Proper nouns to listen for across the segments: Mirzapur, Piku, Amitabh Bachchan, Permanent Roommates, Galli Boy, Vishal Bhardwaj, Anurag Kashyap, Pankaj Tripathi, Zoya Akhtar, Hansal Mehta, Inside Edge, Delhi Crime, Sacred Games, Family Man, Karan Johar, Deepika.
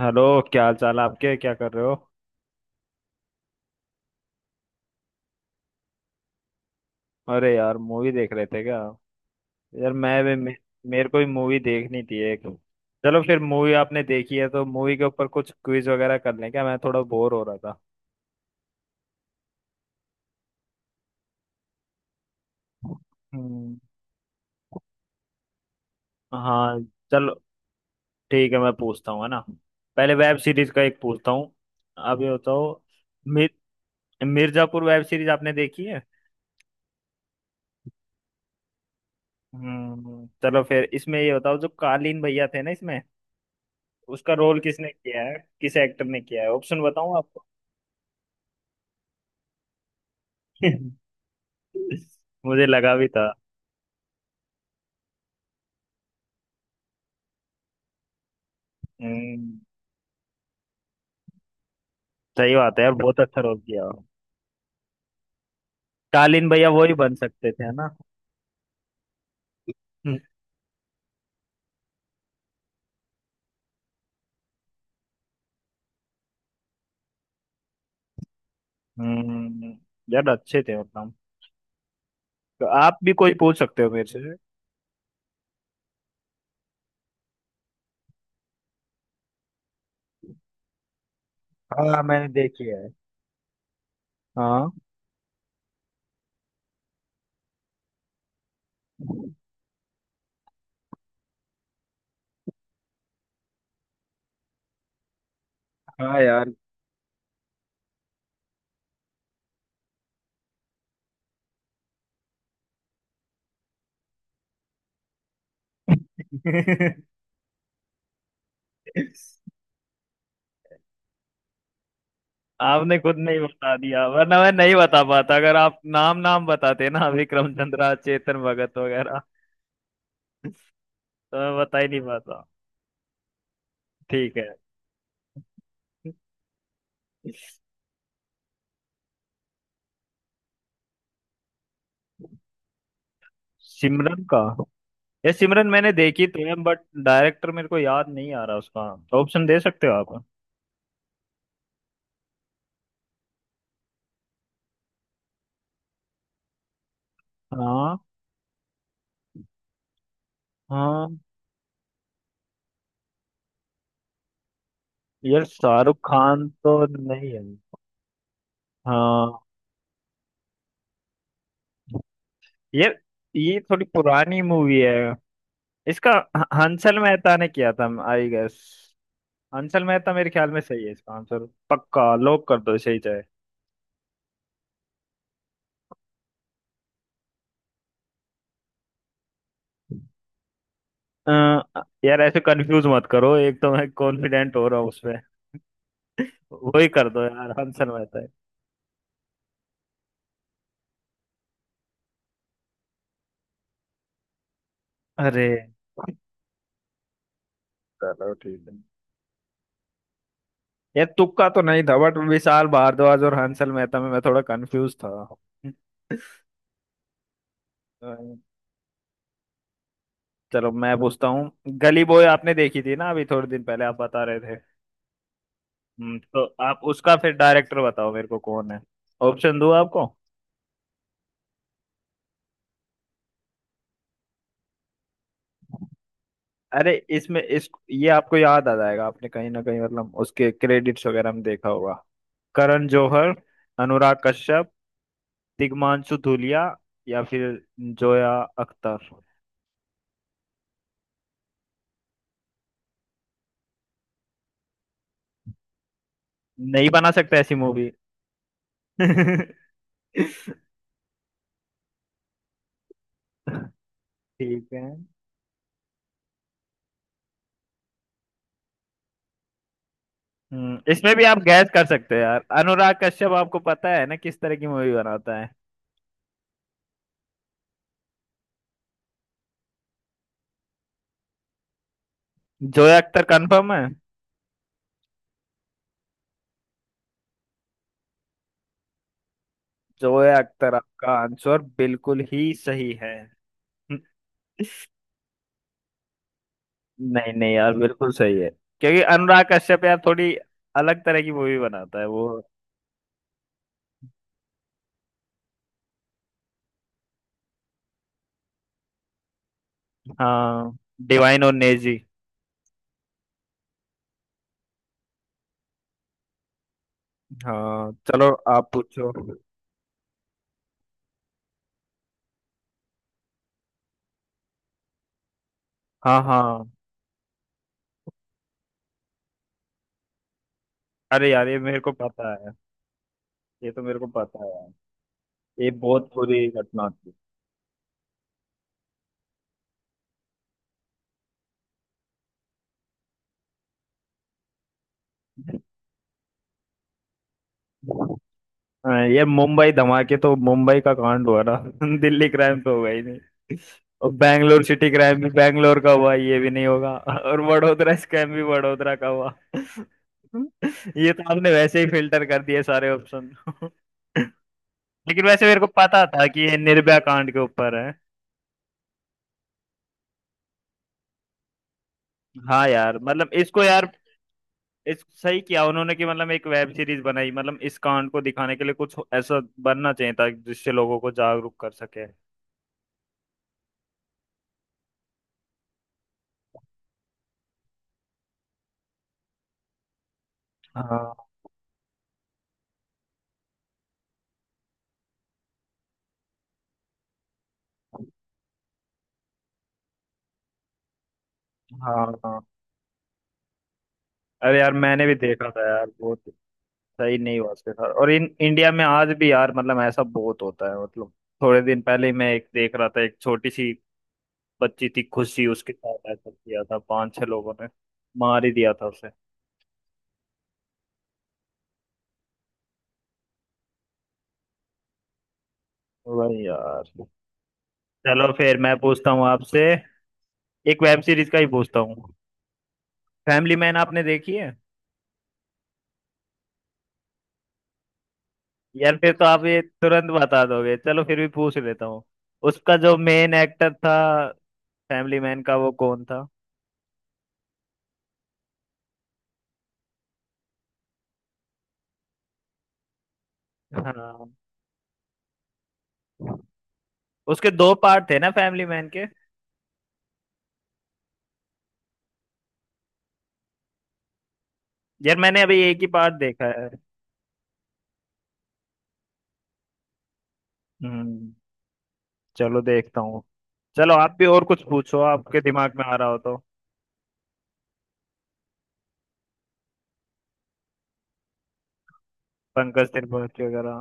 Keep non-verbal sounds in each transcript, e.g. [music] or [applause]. Hello. क्या हाल चाल है आपके, क्या कर रहे हो? अरे यार, मूवी देख रहे थे क्या? यार मैं भी मेरे को भी मूवी देखनी थी एक। चलो फिर, मूवी आपने देखी है तो मूवी के ऊपर कुछ क्विज वगैरह कर लें क्या, मैं थोड़ा बोर हो रहा था। हम्म, हाँ चलो, ठीक है, मैं पूछता हूँ है ना। पहले वेब सीरीज का एक पूछता हूँ। आप ये बताओ, मिर, मिर्जापुर वेब सीरीज आपने देखी है? हम्म, चलो फिर इसमें ये बताओ, जो कालीन भैया थे ना इसमें, उसका रोल किसने किया है, किस एक्टर ने किया है? ऑप्शन बताऊं? [laughs] मुझे लगा भी था। हम्म, सही बात है यार, बहुत अच्छा रोल किया। कालीन भैया वो ही बन सकते थे है ना। हम्म, यार अच्छे थे मतलब। तो आप भी कोई पूछ सकते हो मेरे से। हाँ मैंने देखी है। हाँ हाँ यार। [laughs] आपने खुद नहीं बता दिया, वरना मैं नहीं बता पाता। अगर आप नाम नाम बताते ना, विक्रम चंद्रा, चेतन भगत वगैरह, तो मैं बता ही नहीं पाता। ठीक है। सिमरन का? ये सिमरन मैंने देखी तो है, बट डायरेक्टर मेरे को याद नहीं आ रहा उसका। ऑप्शन दे सकते हो आप? हाँ हाँ, यार शाहरुख खान तो नहीं है। हाँ यार, ये थोड़ी पुरानी मूवी है। इसका हंसल मेहता ने किया था आई गेस। हंसल मेहता मेरे ख्याल में सही है, इसका आंसर पक्का लॉक कर दो सही चाहे। यार ऐसे कंफ्यूज मत करो, एक तो मैं कॉन्फिडेंट हो रहा हूँ उसमें। वही कर दो यार, हंसल मेहता है। अरे चलो ठीक है। ये तुक्का तो नहीं था, बट विशाल भारद्वाज और हंसल मेहता में मैं थोड़ा कंफ्यूज था। चलो मैं पूछता हूँ। गली बॉय आपने देखी थी ना, अभी थोड़े दिन पहले आप बता रहे थे। तो आप उसका फिर डायरेक्टर बताओ मेरे को, कौन है? ऑप्शन दूँ आपको? अरे इसमें इस ये आपको याद आ जाएगा, आपने कहीं ना कहीं मतलब उसके क्रेडिट्स वगैरह में देखा होगा। करण जौहर, अनुराग कश्यप, दिग्मांशु धूलिया, या फिर जोया अख्तर। नहीं बना सकता ऐसी मूवी। [laughs] ठीक है। हम्म, इसमें भी आप गैस कर सकते हैं यार, अनुराग कश्यप आपको पता है ना किस तरह की मूवी बनाता है। जोया अख्तर कंफर्म है। जोया अख्तर आपका आंसर बिल्कुल ही सही है। [laughs] नहीं नहीं यार, बिल्कुल सही है। क्योंकि अनुराग कश्यप यार थोड़ी अलग तरह की मूवी बनाता है वो। हाँ, डिवाइन और नेजी। हाँ चलो, आप पूछो। हाँ हाँ। अरे यार ये मेरे को पता है। ये तो मेरे को पता है यार। ये बहुत बुरी घटना थी। हाँ, ये मुंबई धमाके तो मुंबई का कांड हुआ ना [laughs] दिल्ली क्राइम तो हुआ ही नहीं। और बैंगलोर सिटी क्राइम भी बैंगलोर का हुआ, ये भी नहीं होगा। और वडोदरा स्कैम भी वडोदरा का हुआ। [laughs] ये तो आपने वैसे ही फिल्टर कर दिए सारे ऑप्शन। [laughs] लेकिन वैसे मेरे को पता था कि ये निर्भया कांड के ऊपर है। हाँ यार मतलब इसको यार, इस सही किया उन्होंने कि मतलब एक वेब सीरीज बनाई, मतलब इस कांड को दिखाने के लिए कुछ ऐसा बनना चाहिए था, जिससे लोगों को जागरूक कर सके। हाँ हाँ। हाँ अरे यार, मैंने भी देखा था यार, बहुत सही नहीं हुआ उसके साथ। और इन इंडिया में आज भी यार मतलब ऐसा बहुत होता है, मतलब थोड़े दिन पहले ही मैं एक देख रहा था, एक छोटी सी बच्ची थी खुशी, उसके साथ ऐसा किया था पांच छह लोगों ने, मार ही दिया था उसे। वही यार। चलो फिर मैं पूछता हूँ आपसे, एक वेब सीरीज का ही पूछता हूँ। फैमिली मैन आपने देखी है? यार फिर तो आप ये तुरंत बता दोगे, चलो फिर भी पूछ लेता हूँ। उसका जो मेन एक्टर था फैमिली मैन का, वो कौन था? हाँ, उसके दो पार्ट थे ना फैमिली मैन के। यार मैंने अभी एक ही पार्ट देखा है। हम्म, चलो देखता हूँ। चलो आप भी और कुछ पूछो, आपके दिमाग में आ रहा हो तो। पंकज त्रिपाठी वगैरह।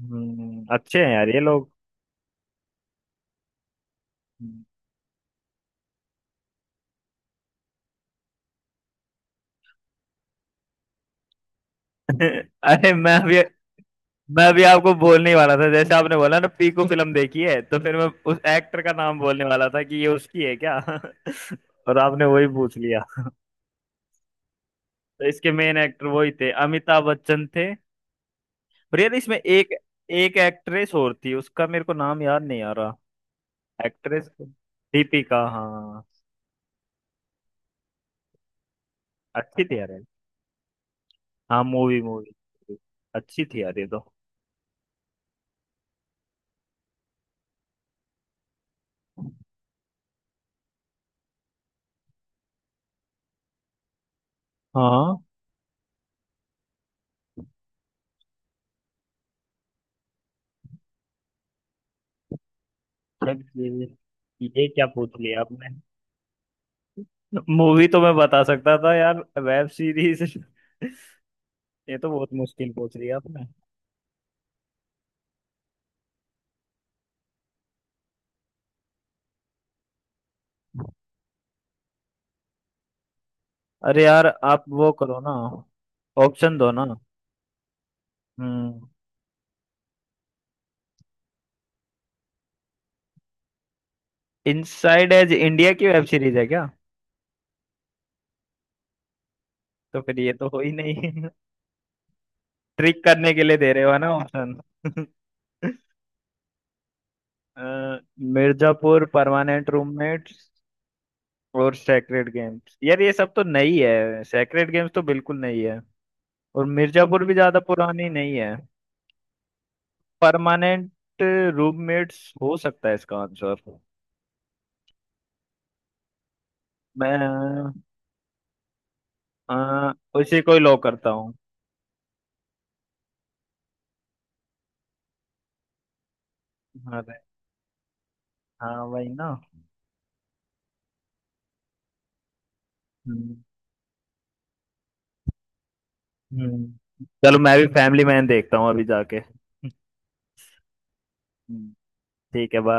हम्म, अच्छे हैं यार ये लोग। हम्म। [laughs] अरे मैं अभी, मैं अभी आपको बोलने ही वाला था, जैसे आपने बोला ना पीकू फिल्म देखी है तो फिर मैं उस एक्टर का नाम बोलने वाला था कि ये उसकी है क्या। [laughs] और आपने वही पूछ लिया। तो इसके मेन एक्टर वही थे, अमिताभ बच्चन थे। और यार इसमें एक एक एक्ट्रेस और थी, उसका मेरे को नाम याद नहीं आ रहा। एक्ट्रेस दीपिका हाँ। अच्छी थी यार ये। हाँ, मूवी मूवी अच्छी थी यार ये तो। हाँ तब ये क्या पूछ लिया आपने। मूवी तो मैं बता सकता था यार, वेब सीरीज [laughs] ये तो बहुत मुश्किल पूछ लिया आपने। अरे यार, आप वो करो ना, ऑप्शन दो ना। हम्म। इनसाइड एज इंडिया की वेब सीरीज है क्या? तो फिर ये तो हो ही नहीं [laughs] ट्रिक करने के लिए दे रहे हो ना ऑप्शन। [laughs] मिर्जापुर, परमानेंट रूममेट्स [laughs] और सेक्रेड गेम्स, यार ये सब तो नई है। सेक्रेड गेम्स तो बिल्कुल नई है, और मिर्जापुर भी ज्यादा पुरानी नहीं है। परमानेंट रूममेट्स हो सकता है इसका आंसर। मैं, आ, उसी को ही लॉक करता हूँ। अरे हाँ वही ना। हम्म हम्म। चलो मैं भी फैमिली मैन देखता हूँ अभी जाके। [laughs] हम्म, ठीक है बाय।